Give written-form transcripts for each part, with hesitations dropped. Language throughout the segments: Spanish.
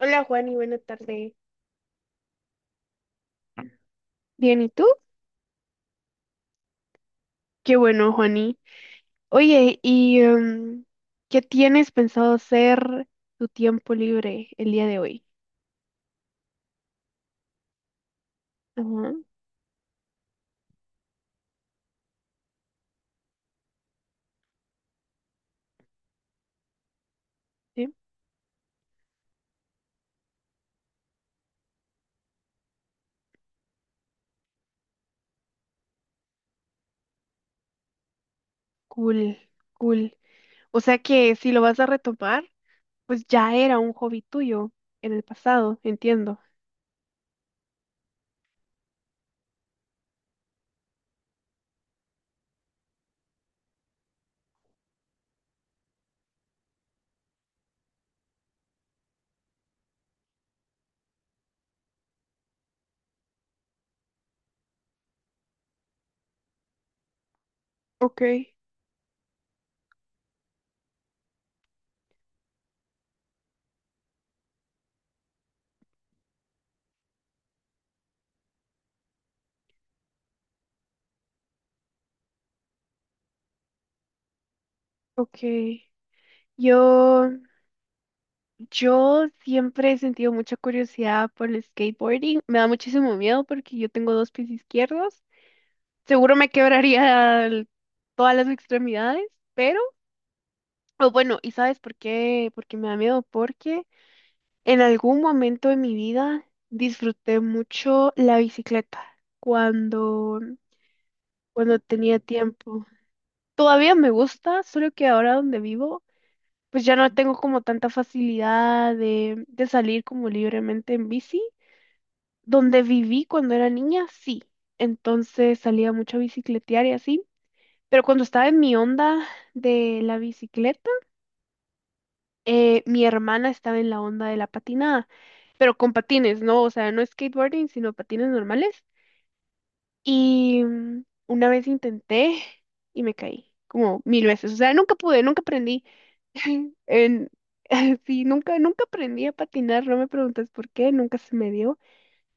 Hola Juani, buena tarde. Bien, ¿y tú? Qué bueno, Juani. Oye, ¿ qué tienes pensado hacer tu tiempo libre el día de hoy? Ajá, sí. Cool, cool. O sea que si lo vas a retomar, pues ya era un hobby tuyo en el pasado, entiendo. Ok, ok. Yo, yo siempre he sentido mucha curiosidad por el skateboarding. Me da muchísimo miedo porque yo tengo dos pies izquierdos. Seguro me quebraría todas las extremidades, pero, o bueno, ¿y sabes por qué? Porque me da miedo, porque en algún momento de mi vida disfruté mucho la bicicleta cuando, cuando tenía tiempo. Todavía me gusta, solo que ahora donde vivo, pues ya no tengo como tanta facilidad de salir como libremente en bici. Donde viví cuando era niña, sí. Entonces salía mucho a bicicletear y así. Pero cuando estaba en mi onda de la bicicleta, mi hermana estaba en la onda de la patinada, pero con patines, ¿no? O sea, no skateboarding, sino patines normales. Y una vez intenté y me caí como mil veces. O sea, nunca pude, nunca aprendí. En, sí, nunca aprendí a patinar, no me preguntes por qué, nunca se me dio.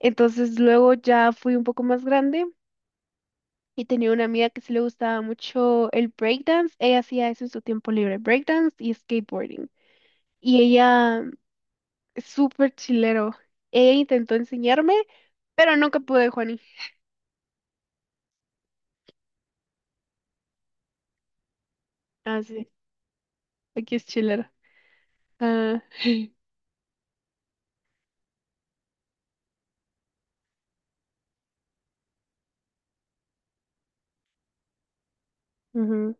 Entonces luego ya fui un poco más grande y tenía una amiga que sí le gustaba mucho el breakdance. Ella hacía eso en su tiempo libre, breakdance y skateboarding. Y ella, súper chilero. Ella intentó enseñarme, pero nunca pude, Juani. Ah, sí, aquí es chilero. Ah, ujú,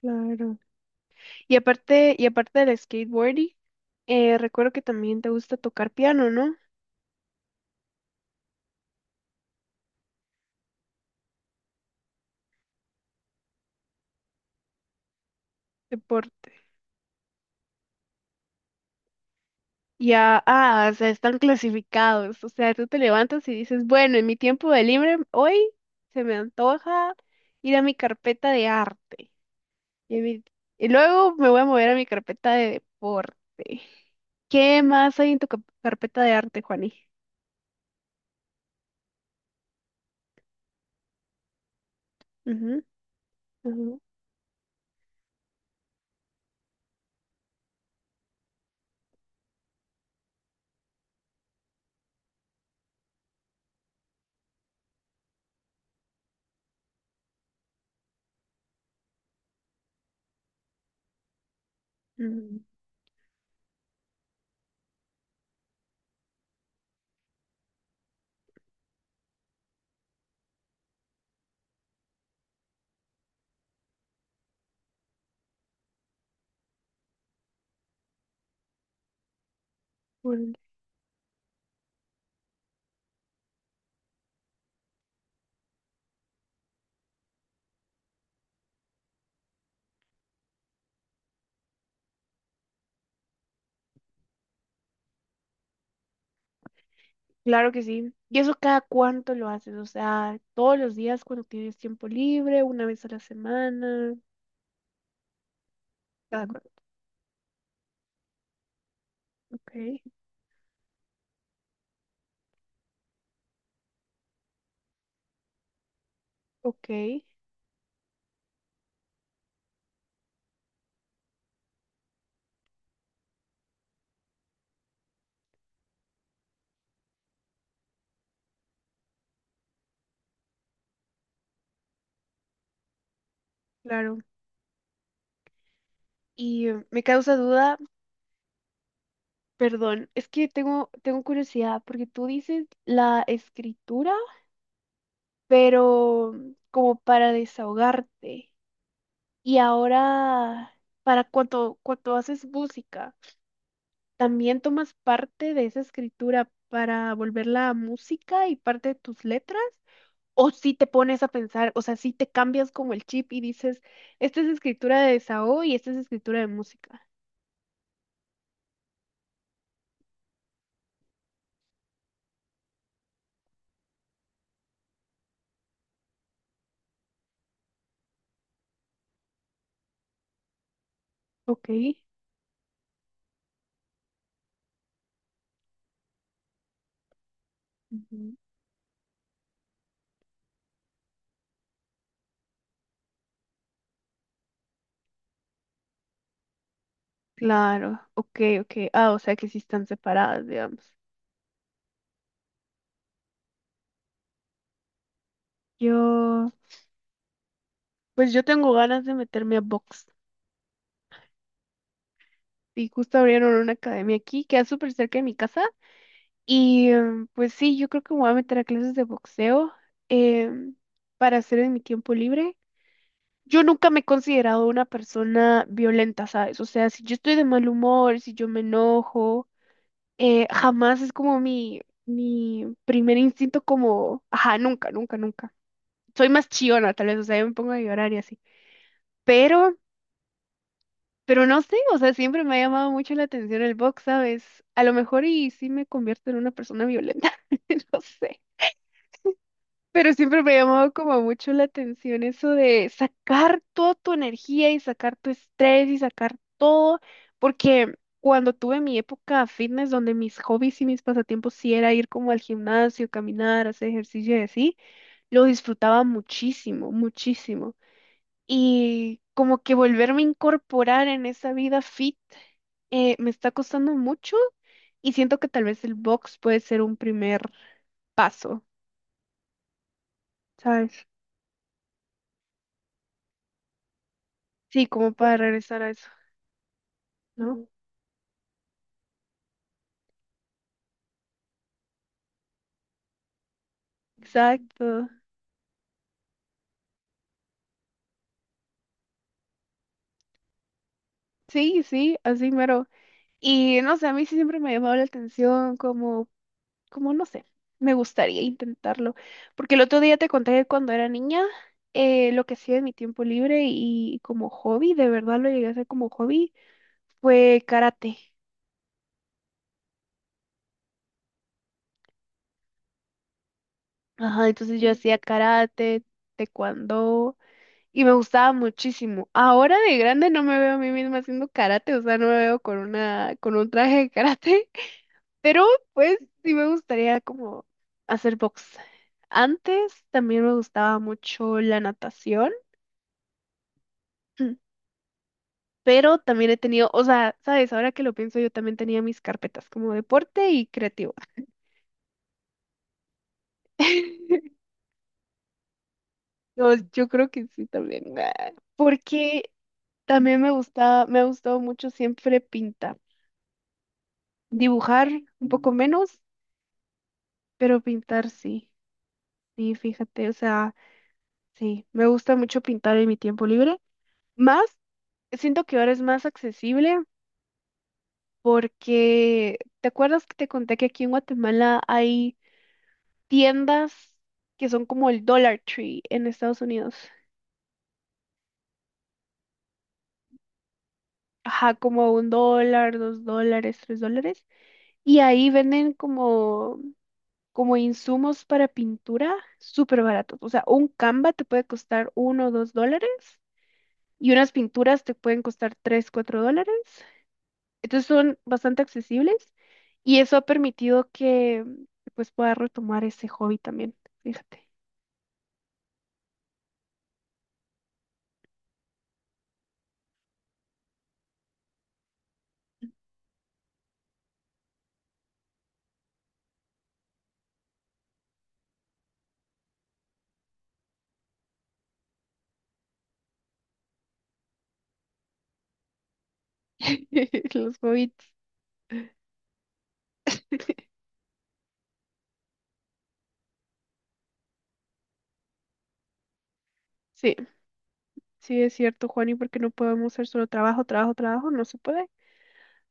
claro. Y aparte del skateboarding, recuerdo que también te gusta tocar piano, ¿no? Deporte. Ya, ah, o sea, están clasificados. O sea, tú te levantas y dices, bueno, en mi tiempo de libre hoy se me antoja ir a mi carpeta de arte. Y, y luego me voy a mover a mi carpeta de deporte. ¿Qué más hay en tu carpeta de arte, Juani? Ujú, ujú, ujú. Bueno, claro que sí. ¿Y eso cada cuánto lo haces? O sea, todos los días, cuando tienes tiempo libre, una vez a la semana. Cada cuánto. Ok, ok, claro. Y me causa duda, perdón, es que tengo curiosidad, porque tú dices la escritura, pero como para desahogarte. Y ahora, para cuando haces música, ¿también tomas parte de esa escritura para volverla a música y parte de tus letras? ¿O si te pones a pensar, o sea, si te cambias como el chip y dices, esta es escritura de desahogo y esta es escritura de música? Ok. Ujú. Claro, ok, ok. Ah, o sea que sí están separadas, digamos. Yo, pues yo tengo ganas de meterme a box. Y justo abrieron una academia aquí, queda súper cerca de mi casa. Y pues sí, yo creo que me voy a meter a clases de boxeo em, para hacer en mi tiempo libre. Yo nunca me he considerado una persona violenta, ¿sabes? O sea, si yo estoy de mal humor, si yo me enojo, jamás es como mi primer instinto como, ajá, nunca, nunca, nunca. Soy más chillona, tal vez, o sea, yo me pongo a llorar y así. Pero, pero no sé, o sea, siempre me ha llamado mucho la atención el box, ¿sabes? A lo mejor y sí me convierto en una persona violenta, no sé. Pero siempre me ha llamado como mucho la atención eso de sacar toda tu energía y sacar tu estrés y sacar todo, porque cuando tuve mi época fitness, donde mis hobbies y mis pasatiempos sí era ir como al gimnasio, caminar, hacer ejercicio y así, lo disfrutaba muchísimo, muchísimo. Y como que volverme a incorporar en esa vida fit me está costando mucho, y siento que tal vez el box puede ser un primer paso, ¿sabes? Sí, como para regresar a eso, ¿no? Ujú. Exacto. Sí, sí, así mero. Y no sé, a mí sí siempre me ha llamado la atención como, como no sé, me gustaría intentarlo. Porque el otro día te conté que cuando era niña, lo que hacía en mi tiempo libre y como hobby, de verdad lo llegué a hacer como hobby fue karate. Ajá, entonces yo hacía karate, taekwondo y me gustaba muchísimo. Ahora de grande no me veo a mí misma haciendo karate, o sea, no me veo con una con un traje de karate, pero pues sí me gustaría como hacer box. Antes también me gustaba mucho la natación. Pero también he tenido, o sea, sabes, ahora que lo pienso, yo también tenía mis carpetas como deporte y creativo. No, yo creo que sí también. Ah, porque también me gusta, me ha gustado mucho siempre pintar. Dibujar un poco menos, pero pintar sí. Sí, fíjate, o sea, sí, me gusta mucho pintar en mi tiempo libre. Más, siento que ahora es más accesible porque, ¿te acuerdas que te conté que aquí en Guatemala hay tiendas que son como el Dollar Tree en Estados Unidos? Ajá, como un dólar, dos dólares, tres dólares. Y ahí venden como insumos para pintura súper baratos. O sea, un Canva te puede costar uno o dos dólares y unas pinturas te pueden costar tres, cuatro dólares. Entonces son bastante accesibles y eso ha permitido que pues pueda retomar ese hobby también. Fíjate. Los hobbies. Sí, sí es cierto, Juani, porque no podemos hacer solo trabajo, trabajo, trabajo, no se puede.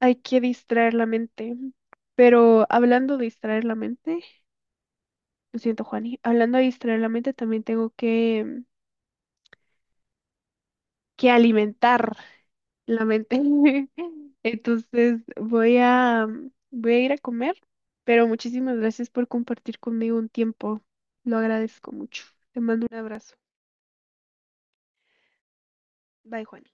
Hay que distraer la mente. Pero hablando de distraer la mente, lo siento, Juani. Hablando de distraer la mente, también tengo que alimentar la mente. Entonces, voy a, voy a ir a comer, pero muchísimas gracias por compartir conmigo un tiempo. Lo agradezco mucho. Te mando un abrazo. Bye, Juani.